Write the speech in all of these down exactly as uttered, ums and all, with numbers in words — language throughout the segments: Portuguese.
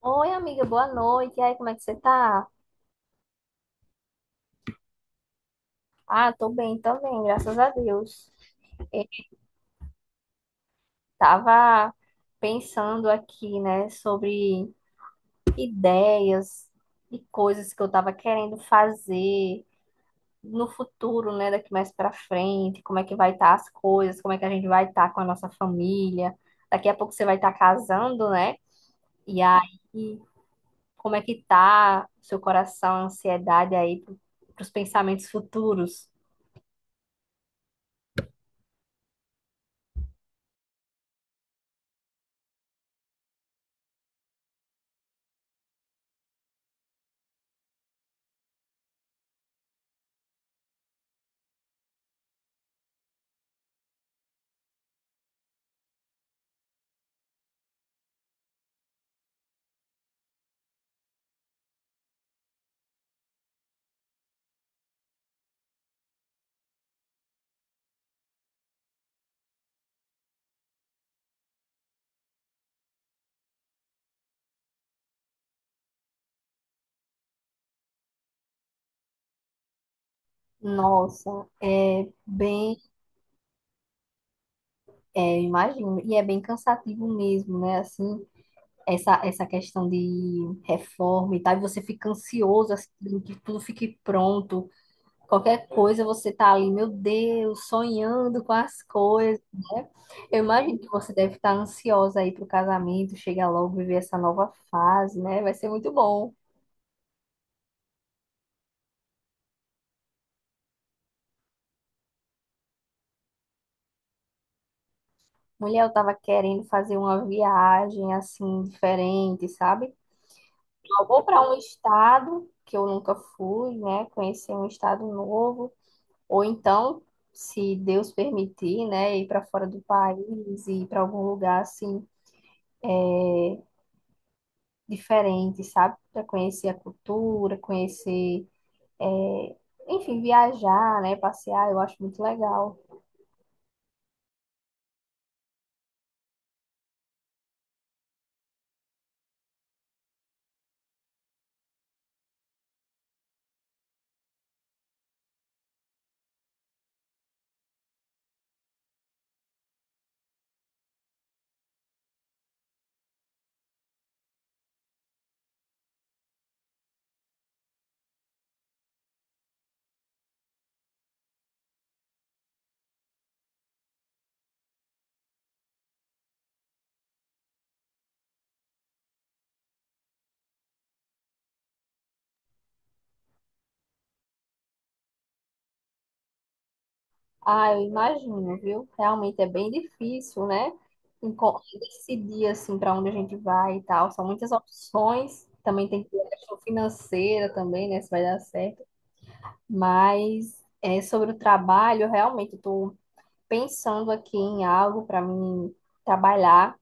Oi, amiga, boa noite. E aí, como é que você tá? Ah, tô bem também, graças a Deus. Eu tava pensando aqui, né, sobre ideias e coisas que eu tava querendo fazer no futuro, né, daqui mais pra frente, como é que vai estar as coisas, como é que a gente vai estar com a nossa família. Daqui a pouco você vai estar casando, né? E aí, como é que tá o seu coração, a ansiedade aí pro- pros pensamentos futuros? Nossa, é bem, é, imagino, e é bem cansativo mesmo, né? Assim, essa, essa questão de reforma e tal, e você fica ansioso, assim, que tudo fique pronto, qualquer coisa você tá ali, meu Deus, sonhando com as coisas, né? Eu imagino que você deve estar ansiosa aí pro casamento, chegar logo, viver essa nova fase, né? Vai ser muito bom. Mulher, eu tava querendo fazer uma viagem, assim, diferente, sabe? Eu vou para um estado que eu nunca fui, né? Conhecer um estado novo, ou então, se Deus permitir, né, ir para fora do país e ir para algum lugar assim é diferente, sabe? Para conhecer a cultura, conhecer, é, enfim, viajar, né? Passear, eu acho muito legal. Ah, eu imagino, viu? Realmente é bem difícil, né? Enco- Decidir assim para onde a gente vai e tal. São muitas opções. Também tem que ver a questão financeira também, né? Se vai dar certo. Mas é, sobre o trabalho, realmente estou pensando aqui em algo para mim trabalhar.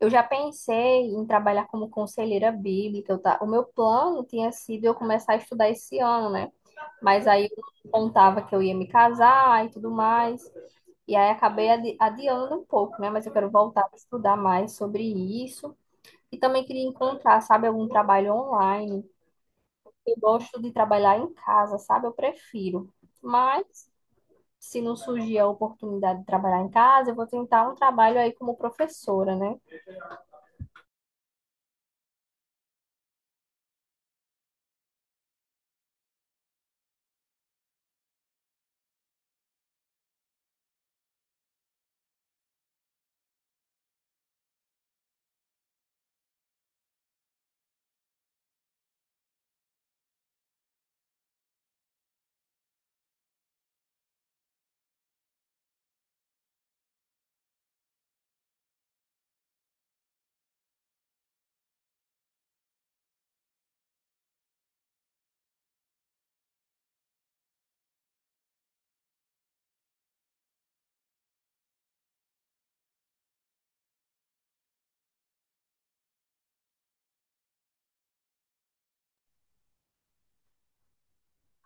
Eu já pensei em trabalhar como conselheira bíblica. Eu ta- O meu plano tinha sido eu começar a estudar esse ano, né? Mas aí eu contava que eu ia me casar e tudo mais. E aí acabei adi- adiando um pouco, né? Mas eu quero voltar a estudar mais sobre isso. E também queria encontrar, sabe, algum trabalho online. Eu gosto de trabalhar em casa, sabe? Eu prefiro. Mas se não surgir a oportunidade de trabalhar em casa, eu vou tentar um trabalho aí como professora, né?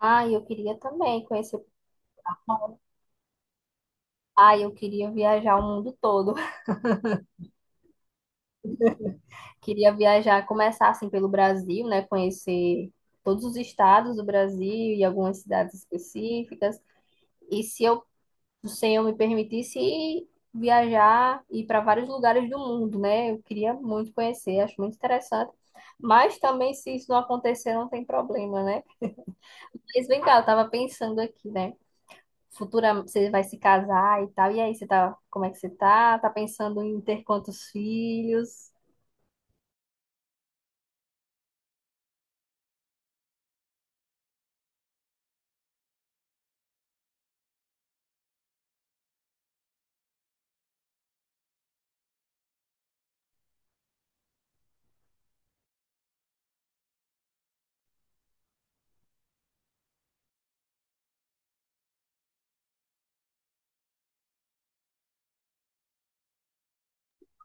Ah, eu queria também conhecer. Ah, eu queria viajar o mundo todo. Queria viajar, começar assim pelo Brasil, né? Conhecer todos os estados do Brasil e algumas cidades específicas. E se eu o Senhor me permitisse viajar e ir para vários lugares do mundo, né? Eu queria muito conhecer, acho muito interessante. Mas também, se isso não acontecer, não tem problema, né? Mas vem cá, eu tava pensando aqui, né? Futura, você vai se casar e tal. E aí, você tá, como é que você tá? Tá pensando em ter quantos filhos?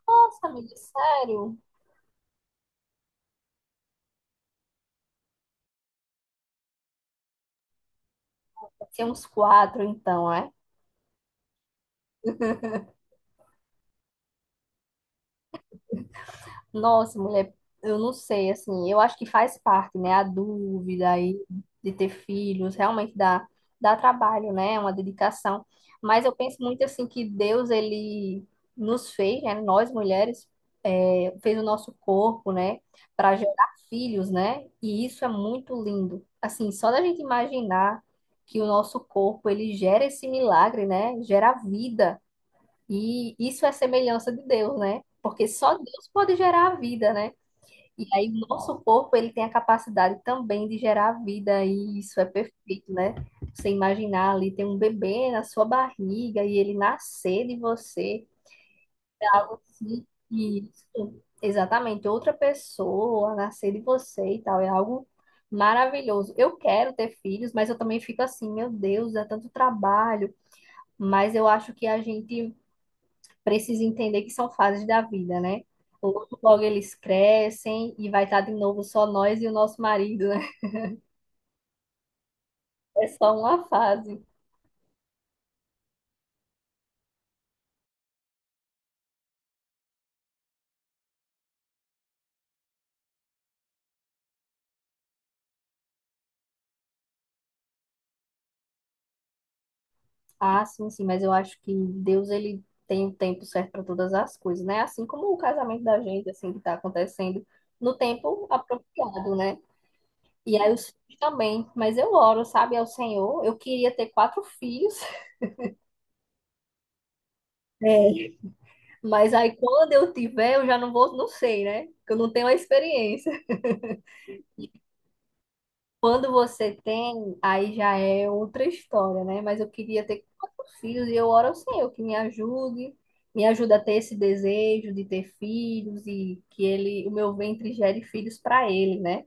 Nossa, amigo, sério? Vai ser uns quatro, então, é? Nossa, mulher, eu não sei, assim, eu acho que faz parte, né? A dúvida aí de ter filhos, realmente dá, dá trabalho, né? É uma dedicação. Mas eu penso muito, assim, que Deus, ele nos fez, né? Nós mulheres, é, fez o nosso corpo, né? Para gerar filhos, né? E isso é muito lindo. Assim, só da gente imaginar que o nosso corpo, ele gera esse milagre, né? Gera vida. E isso é semelhança de Deus, né? Porque só Deus pode gerar a vida, né? E aí o nosso corpo, ele tem a capacidade também de gerar a vida, e isso é perfeito, né? Você imaginar ali, tem um bebê na sua barriga e ele nascer de você. Assim, e isso, exatamente, outra pessoa nascer de você e tal, é algo maravilhoso. Eu quero ter filhos, mas eu também fico assim, meu Deus, é tanto trabalho. Mas eu acho que a gente precisa entender que são fases da vida, né? Logo, logo eles crescem e vai estar de novo só nós e o nosso marido, né? É só uma fase. Ah, sim, sim, mas eu acho que Deus, ele tem o tempo certo para todas as coisas, né? Assim como o casamento da gente, assim, que tá acontecendo no tempo apropriado, né? E aí os filhos também, mas eu oro, sabe, ao Senhor. Eu queria ter quatro filhos. É. Mas aí quando eu tiver, eu já não vou, não sei, né? Porque eu não tenho a experiência. Quando você tem, aí já é outra história, né? Mas eu queria ter quatro filhos e eu oro ao Senhor que me ajude, me ajuda a ter esse desejo de ter filhos e que ele, o meu ventre gere filhos para ele, né?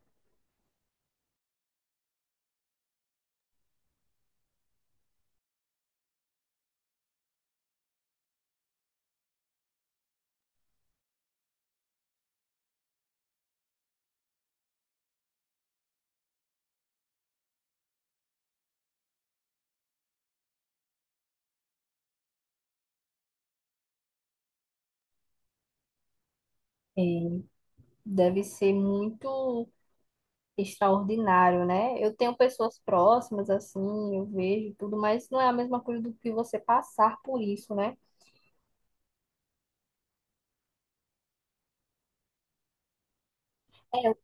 Deve ser muito extraordinário, né? Eu tenho pessoas próximas assim, eu vejo tudo, mas não é a mesma coisa do que você passar por isso, né? É,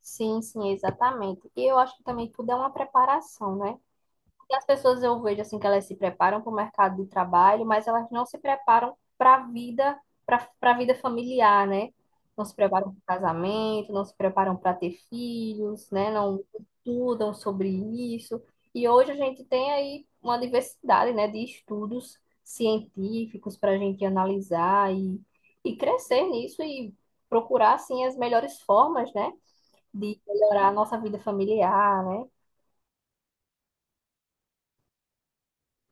sim, sim, exatamente. E eu acho que também tudo é uma preparação, né? E as pessoas eu vejo assim que elas se preparam para o mercado de trabalho, mas elas não se preparam para a vida, para para a vida familiar, né? Não se preparam para o casamento, não se preparam para ter filhos, né? Não estudam sobre isso. E hoje a gente tem aí uma diversidade, né, de estudos científicos para a gente analisar e, e crescer nisso e procurar, assim, as melhores formas, né, de melhorar a nossa vida familiar, né?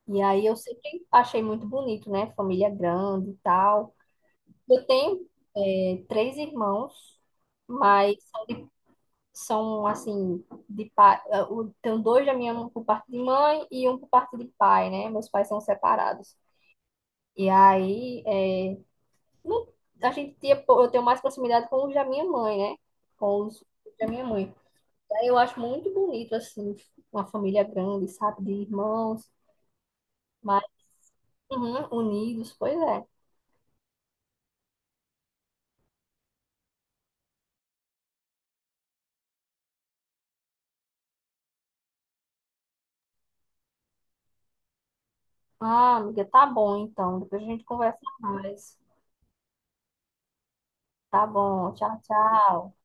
E aí eu sempre achei muito bonito, né? Família grande e tal. Eu tenho é, três irmãos, mas são assim, de pai. Tenho dois da minha mãe por parte de mãe e um por parte de pai, né? Meus pais são separados. E aí é, não- a gente tinha, po- eu tenho mais proximidade com os da minha mãe, né? Com os da minha mãe. Aí eu acho muito bonito, assim, uma família grande, sabe? De irmãos, mas uhum, unidos, pois é. Ah, amiga, tá bom então. Depois a gente conversa mais. Tá bom. Tchau, tchau.